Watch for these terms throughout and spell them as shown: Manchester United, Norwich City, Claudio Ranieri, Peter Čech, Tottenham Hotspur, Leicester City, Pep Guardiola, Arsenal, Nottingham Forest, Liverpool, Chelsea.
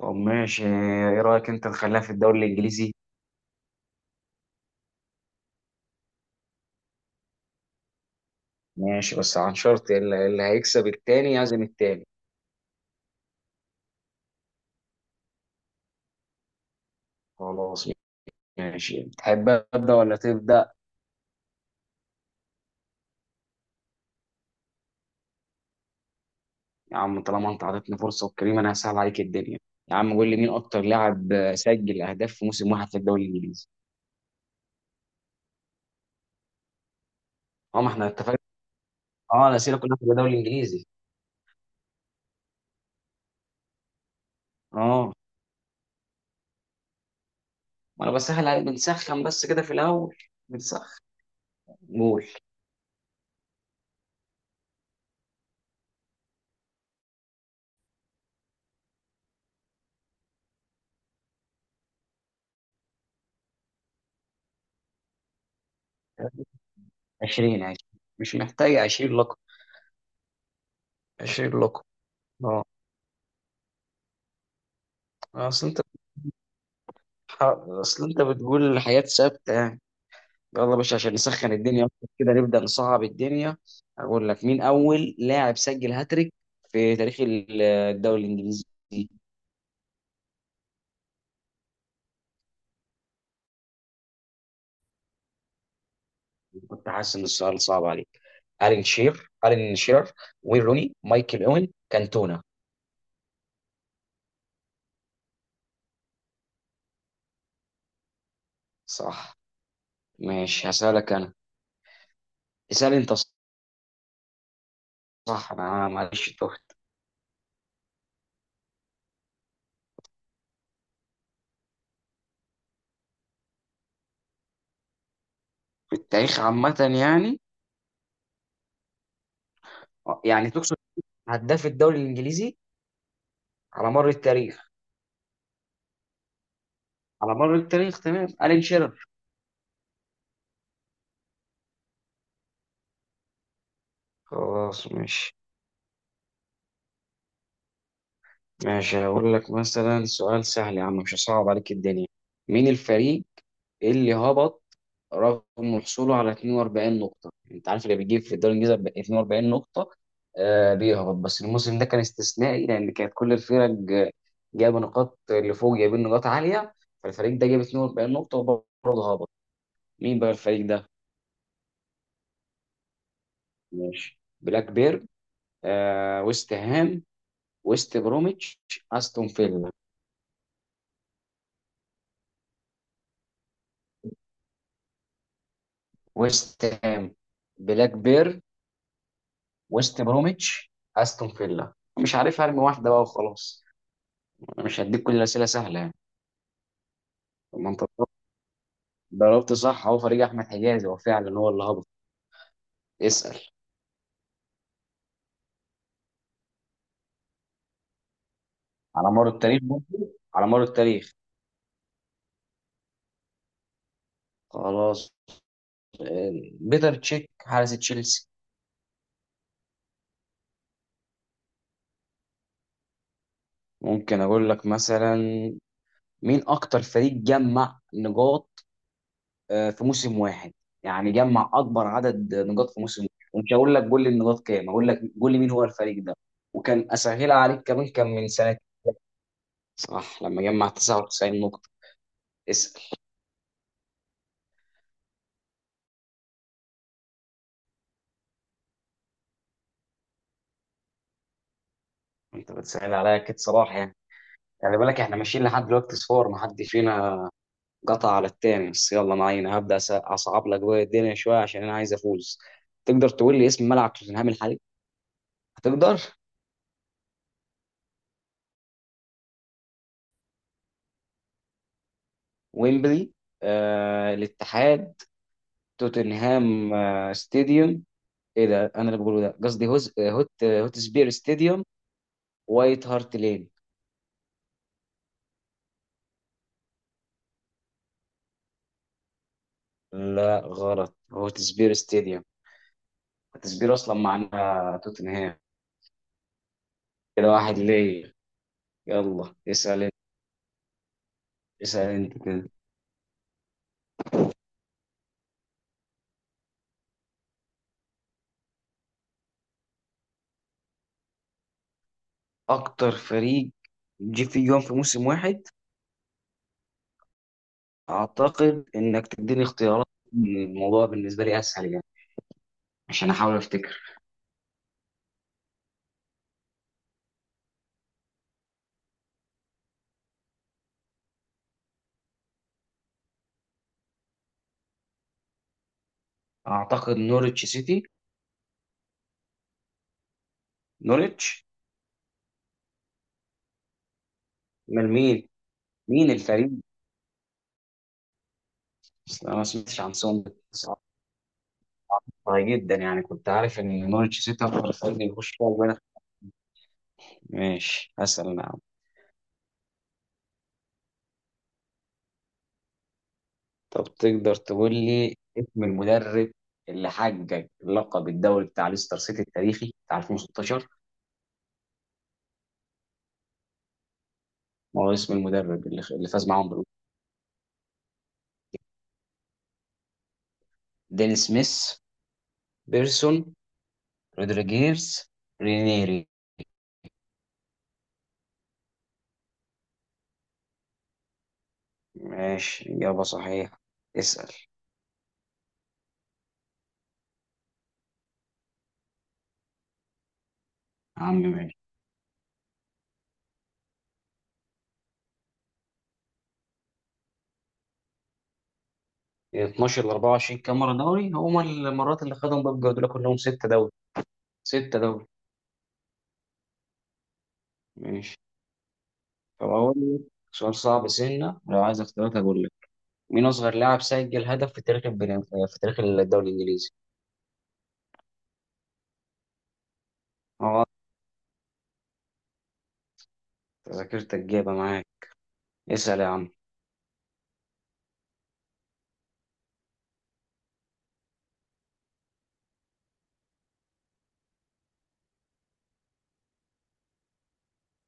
طب ماشي، ايه رأيك انت نخليها في الدوري الانجليزي؟ ماشي بس عن شرط اللي هيكسب التاني يعزم التاني. خلاص. ماشي، تحب ابدا ولا تبدا؟ يا عم طالما انت عطيتني فرصه وكريم، انا هسهل عليك الدنيا. يا عم قول لي، مين اكتر لاعب سجل اهداف في موسم واحد في الدوري الانجليزي؟ اه، ما احنا اتفقنا. اه، الاسئله كلها في الدوري الانجليزي. اه. ما انا بسهل عليك، بنسخن بس كده في الاول. بنسخن. قول. 20 20. مش محتاج. 20 لقب. 20 لقب. اه. اصل انت، ح- اصل انت بتقول الحياة ثابتة يعني. يلا باشا، عشان نسخن الدنيا أكتر كده نبدأ نصعب الدنيا. اقول لك، مين اول لاعب سجل هاتريك في تاريخ الدوري الانجليزي؟ كنت حاسس ان السؤال صعب عليك. الين شير، وين روني، مايكل اوين، كانتونا. صح. ماشي هسألك انا. اسأل انت. صح، انا معلش تهت. في التاريخ عامة يعني؟ يعني تقصد هداف الدوري الانجليزي؟ على مر التاريخ؟ على مر التاريخ، تمام. الين شير. خلاص ماشي. ماشي هقول لك مثلا سؤال سهل يا عم، مش هصعب عليك الدنيا. مين الفريق اللي هبط رغم حصوله على 42 نقطة؟ انت عارف اللي بيجيب في الدوري الانجليزي ب 42 نقطة آه بيهبط، بس الموسم ده كان استثنائي لان كانت كل الفرق جايبه نقاط، اللي فوق جايبين نقاط عالية، فالفريق ده جاب 42 نقطة وبرضه هبط. مين بقى الفريق ده؟ ماشي، بلاك بيرن، آه ويست هام، ويست بروميتش، استون فيلا. ويست هام، بلاك بير، ويست بروميتش، استون فيلا. مش عارف ارمي واحده بقى وخلاص. انا مش هديك كل الاسئله سهله يعني. طب ما انت ضربت صح، هو فريق احمد حجازي، هو فعلا هو اللي هبط. اسال. على مر التاريخ برضه؟ على مر التاريخ. خلاص. آه، بيتر تشيك حارس تشيلسي. ممكن اقول لك مثلا، مين اكتر فريق جمع نقاط في موسم واحد؟ يعني جمع اكبر عدد نقاط في موسم واحد. ومش هقول لك قول لي النقاط كام، هقول لك قول لي مين هو الفريق ده. وكان اسهلها عليك كمان، كان من سنه. صح، لما جمع 99 نقطه. اسال. انت بتسال عليا كده صراحه يعني. خلي بالك احنا ماشيين لحد دلوقتي صفار، ما حد فينا قطع على التاني، بس يلا معانا. هبدا اصعب لك بقى الدنيا شويه عشان انا عايز افوز. تقدر تقول لي اسم ملعب توتنهام الحالي؟ هتقدر. ويمبلي، آه الاتحاد، توتنهام آه ستاديوم. ايه ده انا اللي بقوله ده؟ قصدي هوت سبير ستاديوم. وايت هارت لين. لا غلط، هوت سبير ستاديوم. هوت سبير اصلا معناها توتنهام. كده واحد ليه. يلا اسال انت. اسال انت كده. اكتر فريق جه فيه جون في موسم واحد؟ اعتقد انك تديني اختيارات، الموضوع بالنسبه لي اسهل يعني. عشان احاول افتكر. اعتقد نوريتش سيتي. نوريتش. من مين؟ مين الفريق؟ أصل انا ما سمعتش عن سون. طيب جدا، يعني كنت عارف ان نورتش سيتي اكتر فريق بيخش فيها جوان. ماشي هسأل انا يا عم. طب تقدر تقول لي اسم المدرب اللي حقق لقب الدوري بتاع ليستر سيتي التاريخي بتاع 2016؟ ما هو اسم المدرب اللي فاز معاهم بالبطولة؟ ديل سميث، بيرسون، رودريجيرز، رينيري. ماشي إجابة صحيحة. اسأل. يا عم ماشي. 12 ل 24 كام مرة دوري، هما المرات اللي خدهم بيب جوارديولا كلهم ستة دوري. ستة دوري. ماشي. فبقول لك سؤال صعب سنة، لو عايز اختيارات هقول لك. مين أصغر لاعب سجل هدف في في تاريخ الدوري الإنجليزي؟ اه، ذاكرتك جايبة معاك. اسأل يا عم.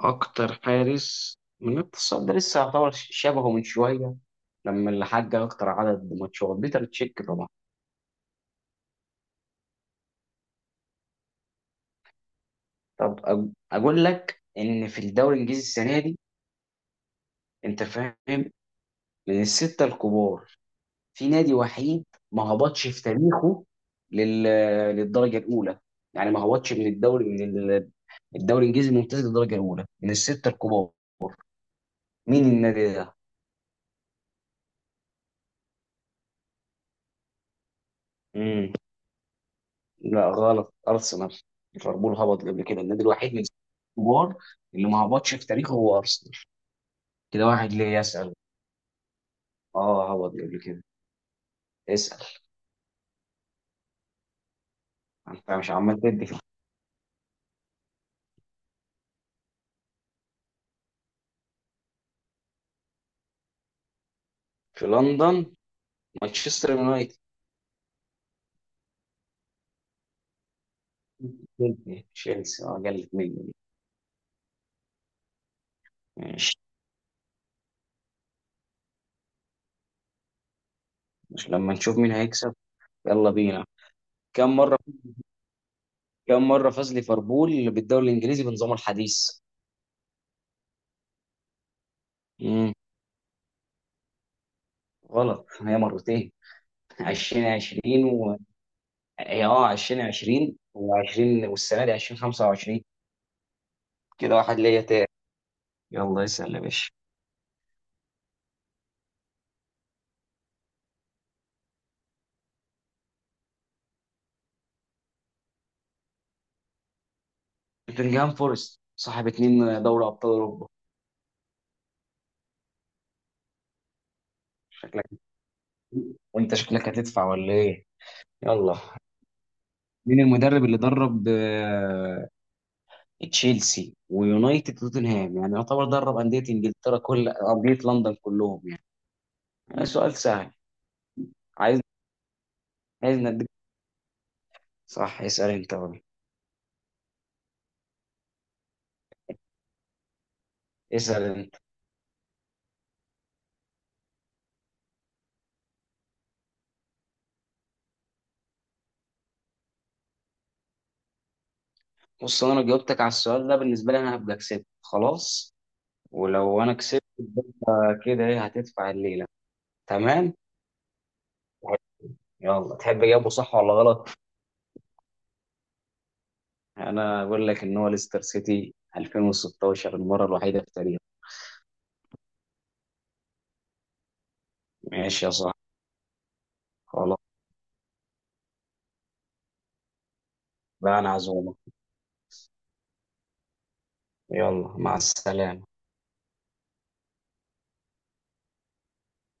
أكتر حارس من التصاب ده لسه يعتبر شبهه من شوية، لما اللي حقق أكتر عدد ماتشات بيتر تشيك طبعا. طب أقول لك إن في الدوري الإنجليزي السنة دي، أنت فاهم، من الستة الكبار في نادي وحيد ما هبطش في تاريخه لل... للدرجه الاولى. يعني ما هبطش من الدوري من ال- الدوري الانجليزي الممتاز للدرجه الاولى من السته الكبار. مين النادي ده؟ مم. لا غلط، ارسنال. ليفربول هبط قبل كده. النادي الوحيد من السته الكبار اللي ما هبطش في تاريخه هو ارسنال. كده واحد ليه. يسال. اه هبط قبل كده. اسال انت مش عمال تدي في. في لندن؟ مانشستر يونايتد. تشيلسي اه، قلت مني دي. ماشي. مش لما نشوف مين هيكسب. يلا بينا. كم مرة، كم مرة فاز ليفربول بالدوري الإنجليزي بنظامه الحديث؟ مم. غلط، هي مرتين. 2020 و، هي اه 2020 و20 والسنة دي 2025. كده واحد ليا تاني. يلا اسأل يا باشا. نوتنجهام فورست صاحب اتنين دوري أبطال أوروبا. شكلك. وأنت شكلك هتدفع ولا إيه؟ يلا. مين المدرب اللي درب تشيلسي ويونايتد وتوتنهام، يعني يعتبر درب أندية إنجلترا، كل أندية لندن كلهم يعني. سؤال سهل. عايز عايز نديك. صح. اسأل انت بقى. اسأل انت. بص، انا لو جاوبتك على السؤال ده بالنسبة لي انا هبقى كسبت خلاص. ولو انا كسبت يبقى كده، ايه هتدفع الليلة؟ تمام. يلا تحب اجاوبه صح ولا غلط؟ انا اقول لك ان هو ليستر سيتي 2016، المرة الوحيدة في التاريخ. ماشي يا صاحبي. خلاص بقى انا عزومة. يلا مع السلامة.